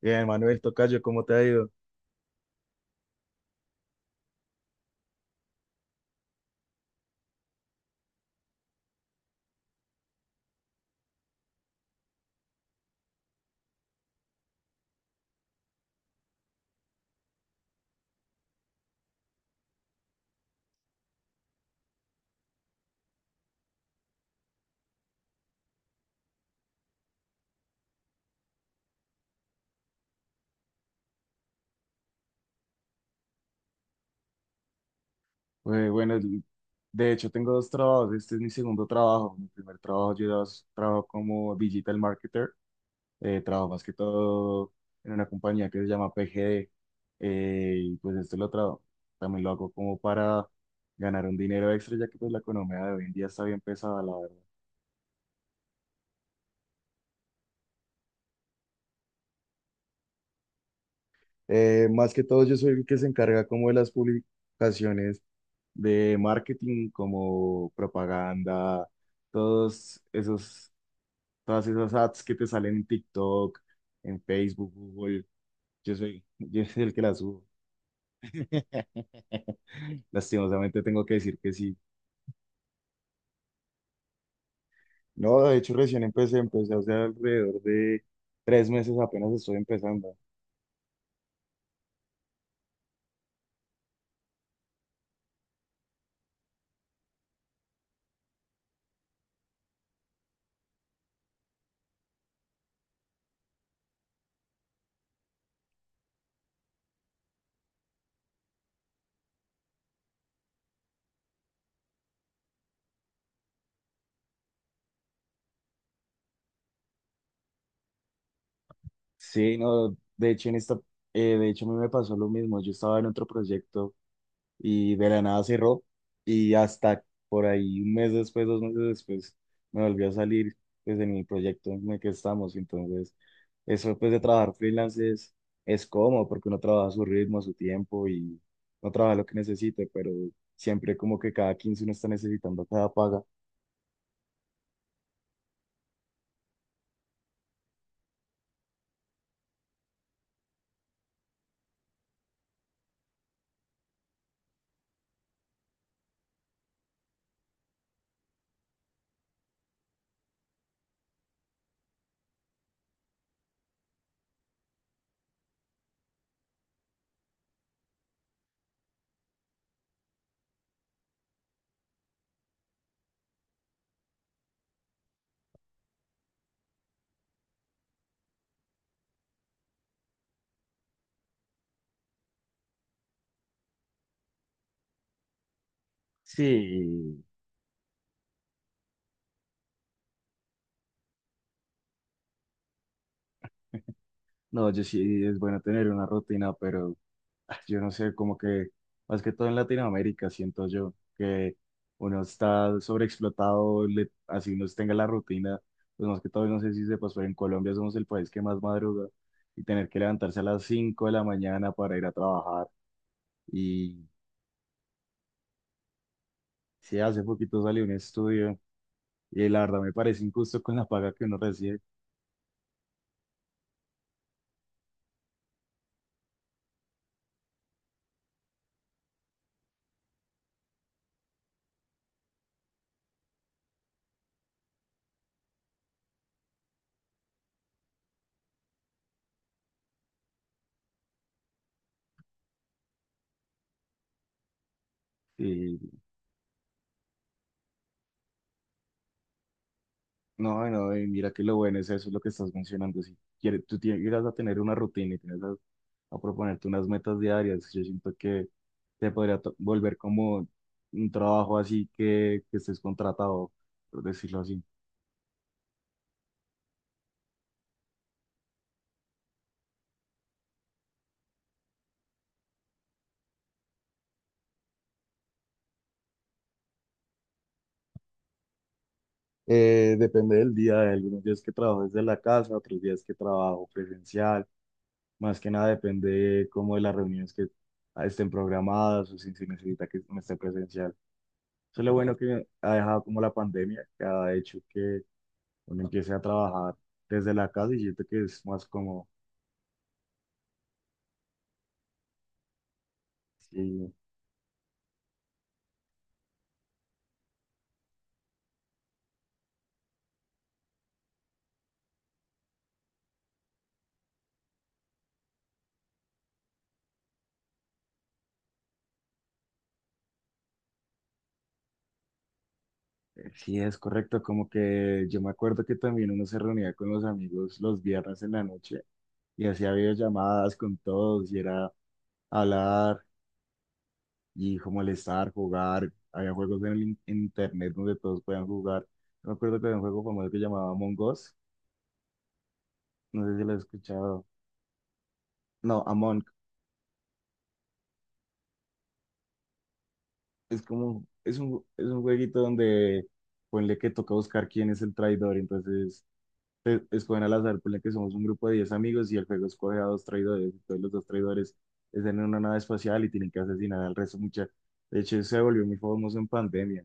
Bien, Manuel Tocayo, ¿cómo te ha ido? Güey, bueno, de hecho tengo dos trabajos, este es mi segundo trabajo, mi primer trabajo yo trabajo como digital marketer, trabajo más que todo en una compañía que se llama PGD, y pues esto lo trabajo, también lo hago como para ganar un dinero extra, ya que pues la economía de hoy en día está bien pesada, la verdad. Más que todo, yo soy el que se encarga como de las publicaciones de marketing, como propaganda, todos esos, todas esas ads que te salen en TikTok, en Facebook, Google. Yo soy, yo soy el que las subo. Lastimosamente tengo que decir que sí. No, de hecho recién empecé, empecé hace alrededor de tres meses, apenas estoy empezando. Sí, no, de hecho a mí me pasó lo mismo. Yo estaba en otro proyecto y de la nada cerró y hasta por ahí un mes después, dos meses después, me volvió a salir pues en el proyecto en el que estamos. Entonces, eso pues de trabajar freelance es cómodo porque uno trabaja a su ritmo, a su tiempo y no trabaja lo que necesite, pero siempre como que cada 15 uno está necesitando cada paga. Sí, no, yo sí, es bueno tener una rutina, pero yo no sé, como que más que todo en Latinoamérica siento yo que uno está sobreexplotado, así uno tenga la rutina, pues más que todo, no sé si sepas, pero en Colombia somos el país que más madruga y tener que levantarse a las 5 de la mañana para ir a trabajar. Y sí, hace poquito salió un estudio y la verdad me parece injusto con la paga que uno recibe. No, no, y mira que lo bueno es eso, es lo que estás mencionando. Si quieres, tú tienes, llegas a tener una rutina y tienes a proponerte unas metas diarias, yo siento que te podría volver como un trabajo así que estés contratado, por decirlo así. Depende del día, hay algunos días que trabajo desde la casa, otros días que trabajo presencial. Más que nada depende como de las reuniones que estén programadas o si se necesita que me esté presencial. Eso es lo bueno que ha dejado como la pandemia, que ha hecho que uno empiece a trabajar desde la casa y siento que es más como, sí, sí es correcto, como que yo me acuerdo que también uno se reunía con los amigos los viernes en la noche y hacía videollamadas con todos y era hablar y como molestar, jugar, había juegos en internet donde todos podían jugar. Me acuerdo que había un juego famoso que llamaba Among Us, no sé si lo has escuchado. No, Among, es como, es un jueguito donde ponle que toca buscar quién es el traidor, entonces escogen al azar, por la que somos un grupo de 10 amigos y el juego escoge a dos traidores. Entonces los dos traidores están en una nave espacial y tienen que asesinar al resto. Mucha... De hecho, se volvió muy famoso en pandemia.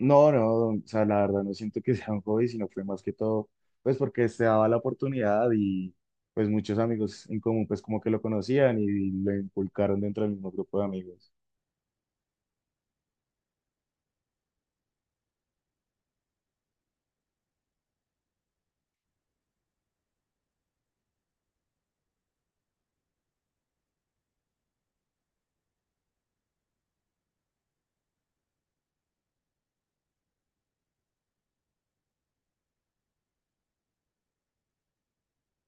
No, no, o sea, la verdad no siento que sea un hobby, sino fue más que todo, pues porque se daba la oportunidad y pues muchos amigos en común pues como que lo conocían y lo inculcaron dentro del mismo grupo de amigos.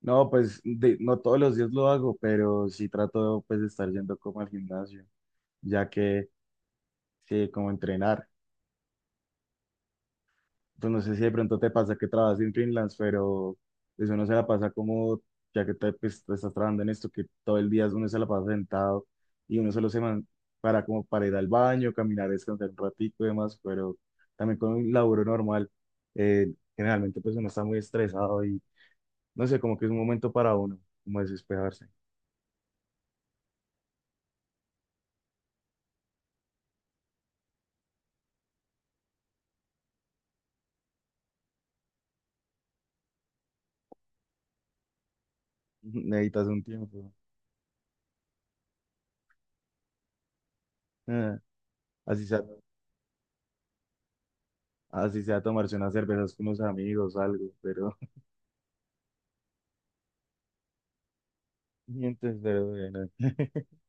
No, pues no todos los días lo hago, pero sí trato pues de estar yendo como al gimnasio, ya que sí, como entrenar. Pues no sé si de pronto te pasa que trabajas en freelance, pero eso no se la pasa como, ya que te, pues, te estás trabajando en esto, que todo el día uno se la pasa sentado y uno solo para como para ir al baño, caminar, descansar un ratico y demás, pero también con un laburo normal, generalmente pues uno está muy estresado y no sé, como que es un momento para uno, como desesperarse. Necesitas un tiempo. Ah, así sea, así sea tomarse unas cervezas con unos amigos, algo, pero, entonces, pero bueno.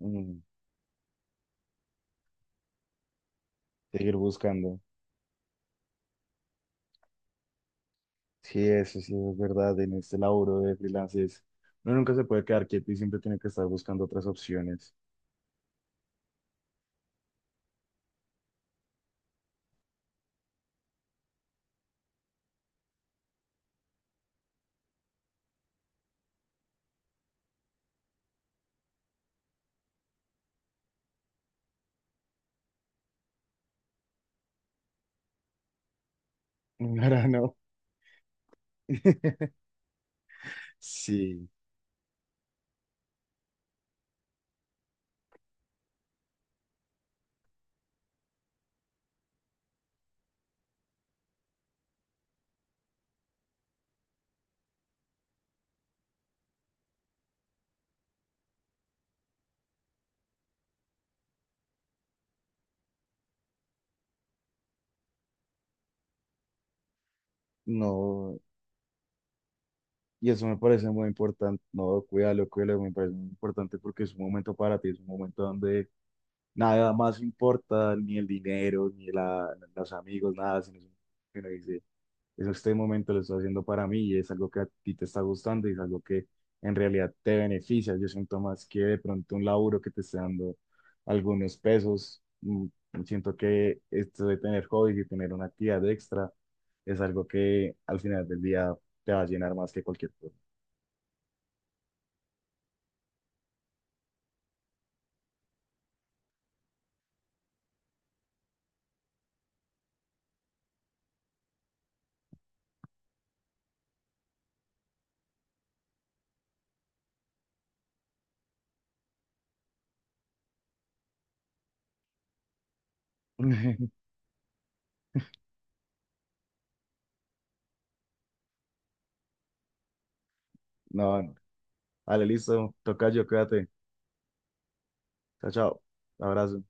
Mm. Seguir buscando. Sí, eso sí es verdad. En este laburo de freelance uno nunca se puede quedar quieto y siempre tiene que estar buscando otras opciones. Ahora no. Sí, no. Y eso me parece muy importante. No, cuídalo, cuídalo, me parece muy importante porque es un momento para ti, es un momento donde nada más importa, ni el dinero, ni la, los amigos, nada, sino es un que uno dice, eso este momento lo estoy haciendo para mí y es algo que a ti te está gustando y es algo que en realidad te beneficia. Yo siento más que de pronto un laburo que te esté dando algunos pesos. Mm, siento que esto de tener hobbies y tener una actividad extra es algo que al final del día te va a llenar más que cualquier cosa. No, no. Vale, listo. Toca yo, cuídate. Chao, chao. Abrazo.